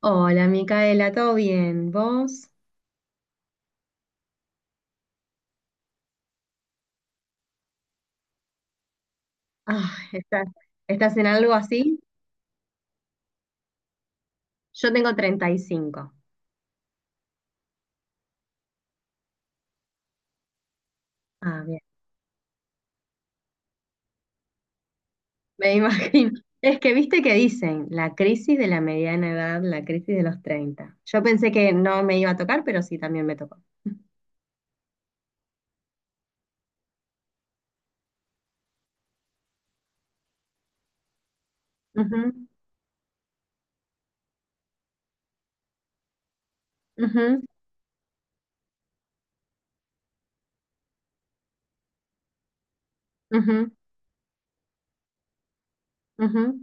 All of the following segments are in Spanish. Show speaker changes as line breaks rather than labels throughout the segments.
Hola, Micaela, ¿todo bien? ¿Vos? Ah, ¿estás en algo así? Yo tengo 35. Ah, bien, me imagino. Es que viste que dicen la crisis de la mediana edad, la crisis de los 30. Yo pensé que no me iba a tocar, pero sí también me tocó. Ujú, ujú, ujú, ujú.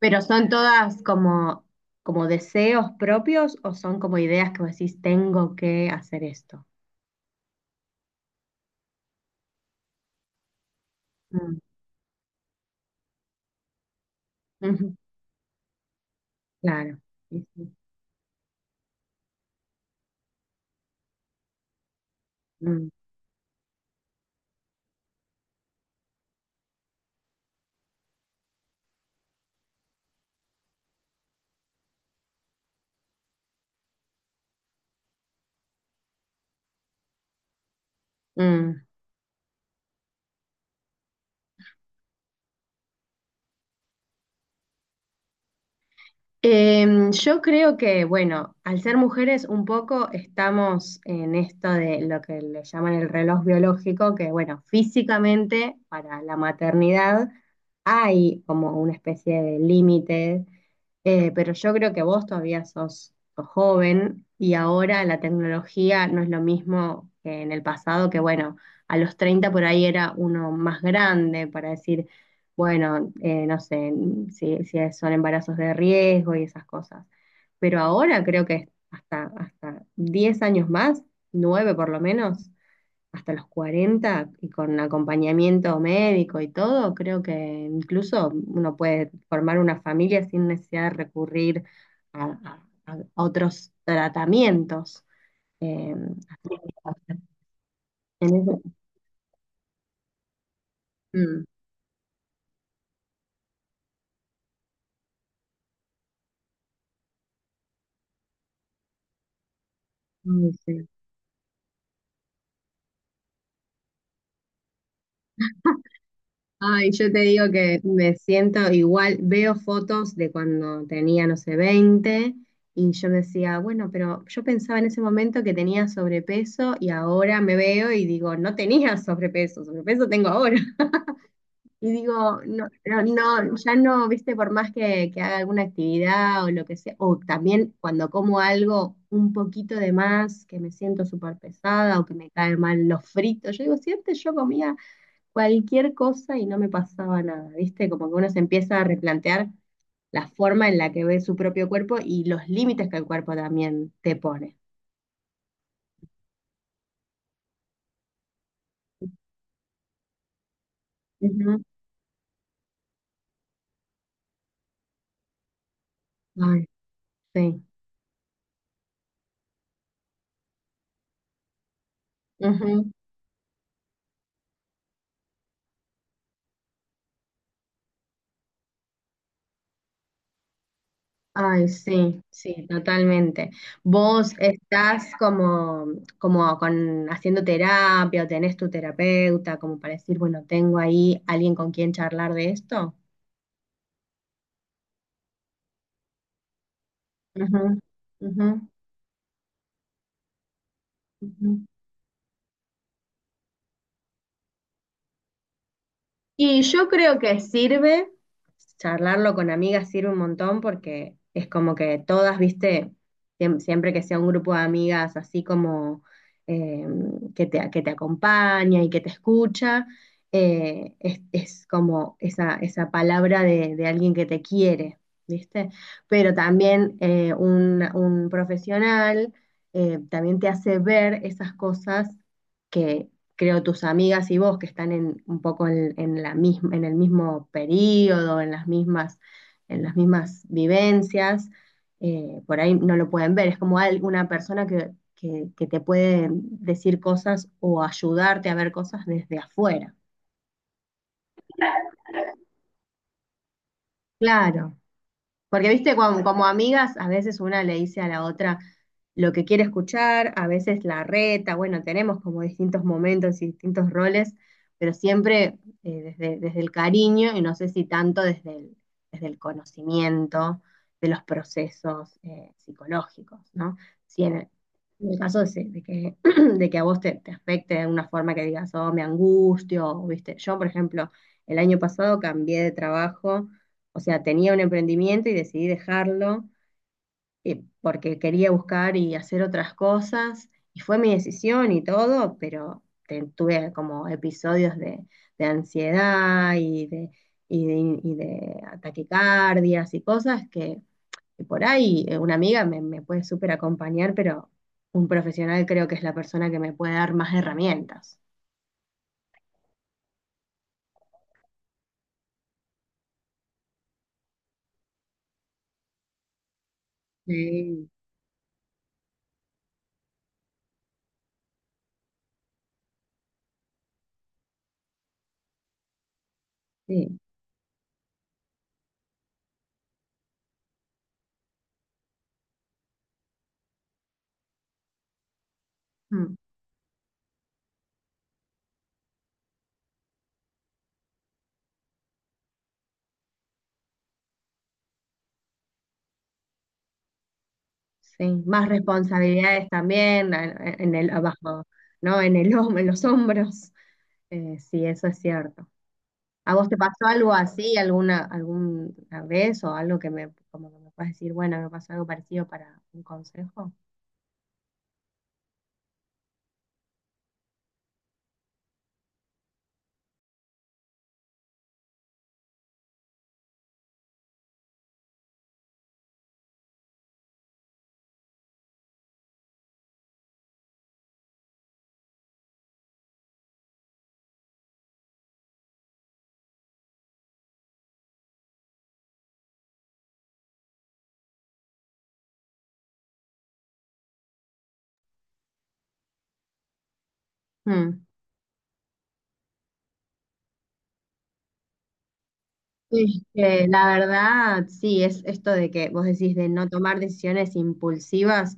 Pero son todas como deseos propios o son como ideas que vos decís, tengo que hacer esto. Mm, ujú, claro. Sí, sí. Mm, mm. Yo creo que, bueno, al ser mujeres un poco estamos en esto de lo que le llaman el reloj biológico, que bueno, físicamente para la maternidad hay como una especie de límite. Pero yo creo que vos todavía sos joven y ahora la tecnología no es lo mismo que en el pasado, que bueno, a los 30 por ahí era uno más grande para decir, bueno, no sé si son embarazos de riesgo y esas cosas. Pero ahora creo que hasta 10 años más, 9 por lo menos, hasta los 40 y con acompañamiento médico y todo, creo que incluso uno puede formar una familia sin necesidad de recurrir a, a otros tratamientos. Eh, en ese- Mm, mm, sí. Ay, yo te digo que me siento igual, veo fotos de cuando tenía, no sé, 20 y yo decía, bueno, pero yo pensaba en ese momento que tenía sobrepeso y ahora me veo y digo, no tenía sobrepeso, sobrepeso tengo ahora. Y digo, no, no, no, ya no, viste, por más que haga alguna actividad o lo que sea, o también cuando como algo un poquito de más, que me siento súper pesada o que me caen mal los fritos, yo digo, si antes yo comía cualquier cosa y no me pasaba nada, viste, como que uno se empieza a replantear la forma en la que ve su propio cuerpo y los límites que el cuerpo también te pone. Ujú. Ay, sí. Ay, sí, sí, totalmente. ¿Vos estás como con, haciendo terapia o tenés tu terapeuta como para decir, bueno, tengo ahí alguien con quien charlar de esto? Ujú, ujú, ujú. Y yo creo que sirve, charlarlo con amigas sirve un montón porque es como que todas, viste, siempre que sea un grupo de amigas así como eh, que te acompaña y que te escucha, es como esa palabra de alguien que te quiere, viste. Pero también un profesional también te hace ver esas cosas creo tus amigas y vos que están en, un poco en la misma, en el mismo periodo, en las mismas vivencias, por ahí no lo pueden ver, es como una persona que te puede decir cosas o ayudarte a ver cosas desde afuera. Claro. Porque, viste, amigas, a veces una le dice a la otra lo que quiere escuchar, a veces la reta, bueno, tenemos como distintos momentos y distintos roles, pero siempre desde el cariño y no sé si tanto desde el conocimiento de los procesos psicológicos, ¿no? Si en el caso de, de de que a vos te afecte de una forma que digas, oh, me angustio, o, viste, yo, por ejemplo, el año pasado cambié de trabajo, o sea, tenía un emprendimiento y decidí dejarlo, porque quería buscar y hacer otras cosas. Y fue mi decisión y todo, pero tuve como episodios de ansiedad y de, y de taquicardias y cosas que por ahí una amiga me puede súper acompañar, pero un profesional creo que es la persona que me puede dar más herramientas. Sí. Sí. Sí, más responsabilidades también en el abajo, ¿no? En los hombros. Sí, eso es cierto. ¿A vos te pasó algo así alguna vez o algo que me como que me puedas decir, bueno, me pasó algo parecido para un consejo? Mm. La verdad, sí, es esto de que vos decís de no tomar decisiones impulsivas.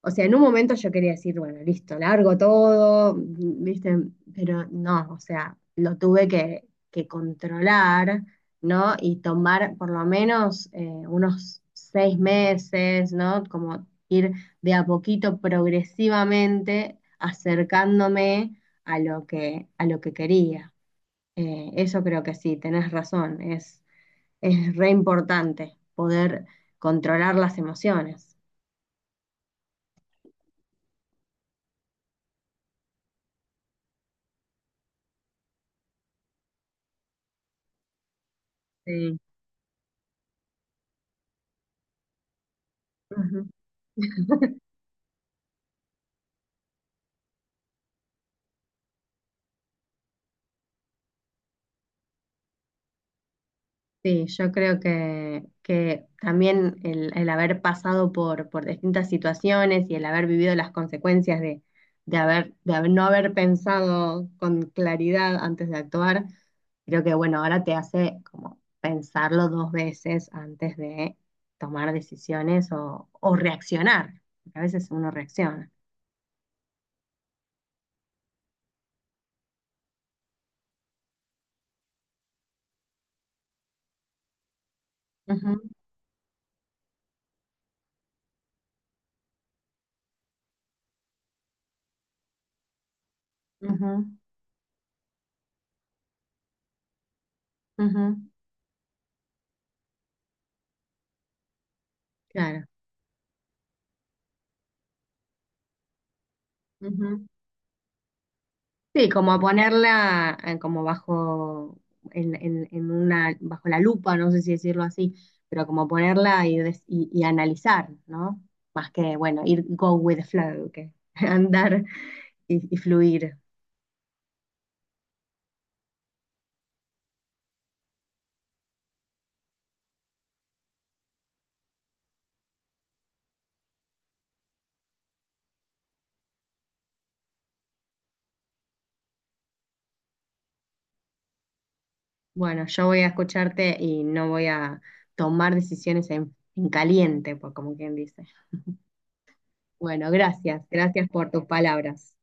O sea, en un momento yo quería decir, bueno, listo, largo todo, ¿viste? Pero no, o sea, lo tuve que controlar, ¿no? Y tomar por lo menos unos 6 meses, ¿no? Como ir de a poquito, progresivamente, acercándome a lo que, quería. Eso creo que sí, tenés razón, es re importante poder controlar las emociones. Sí. Sí, yo creo que también el haber pasado por distintas situaciones y el haber vivido las consecuencias de no haber pensado con claridad antes de actuar, creo que bueno, ahora te hace como pensarlo dos veces antes de tomar decisiones o reaccionar, porque a veces uno reacciona. Ujú, ujú, ujú, claro. Sí, como a ponerla como bajo, en una, bajo la lupa, no sé si decirlo así, pero como ponerla y, y analizar, ¿no? Más que, bueno, ir go with the flow, que andar y fluir. Bueno, yo voy a escucharte y no voy a tomar decisiones en caliente, por como quien dice. Bueno, gracias, gracias por tus palabras.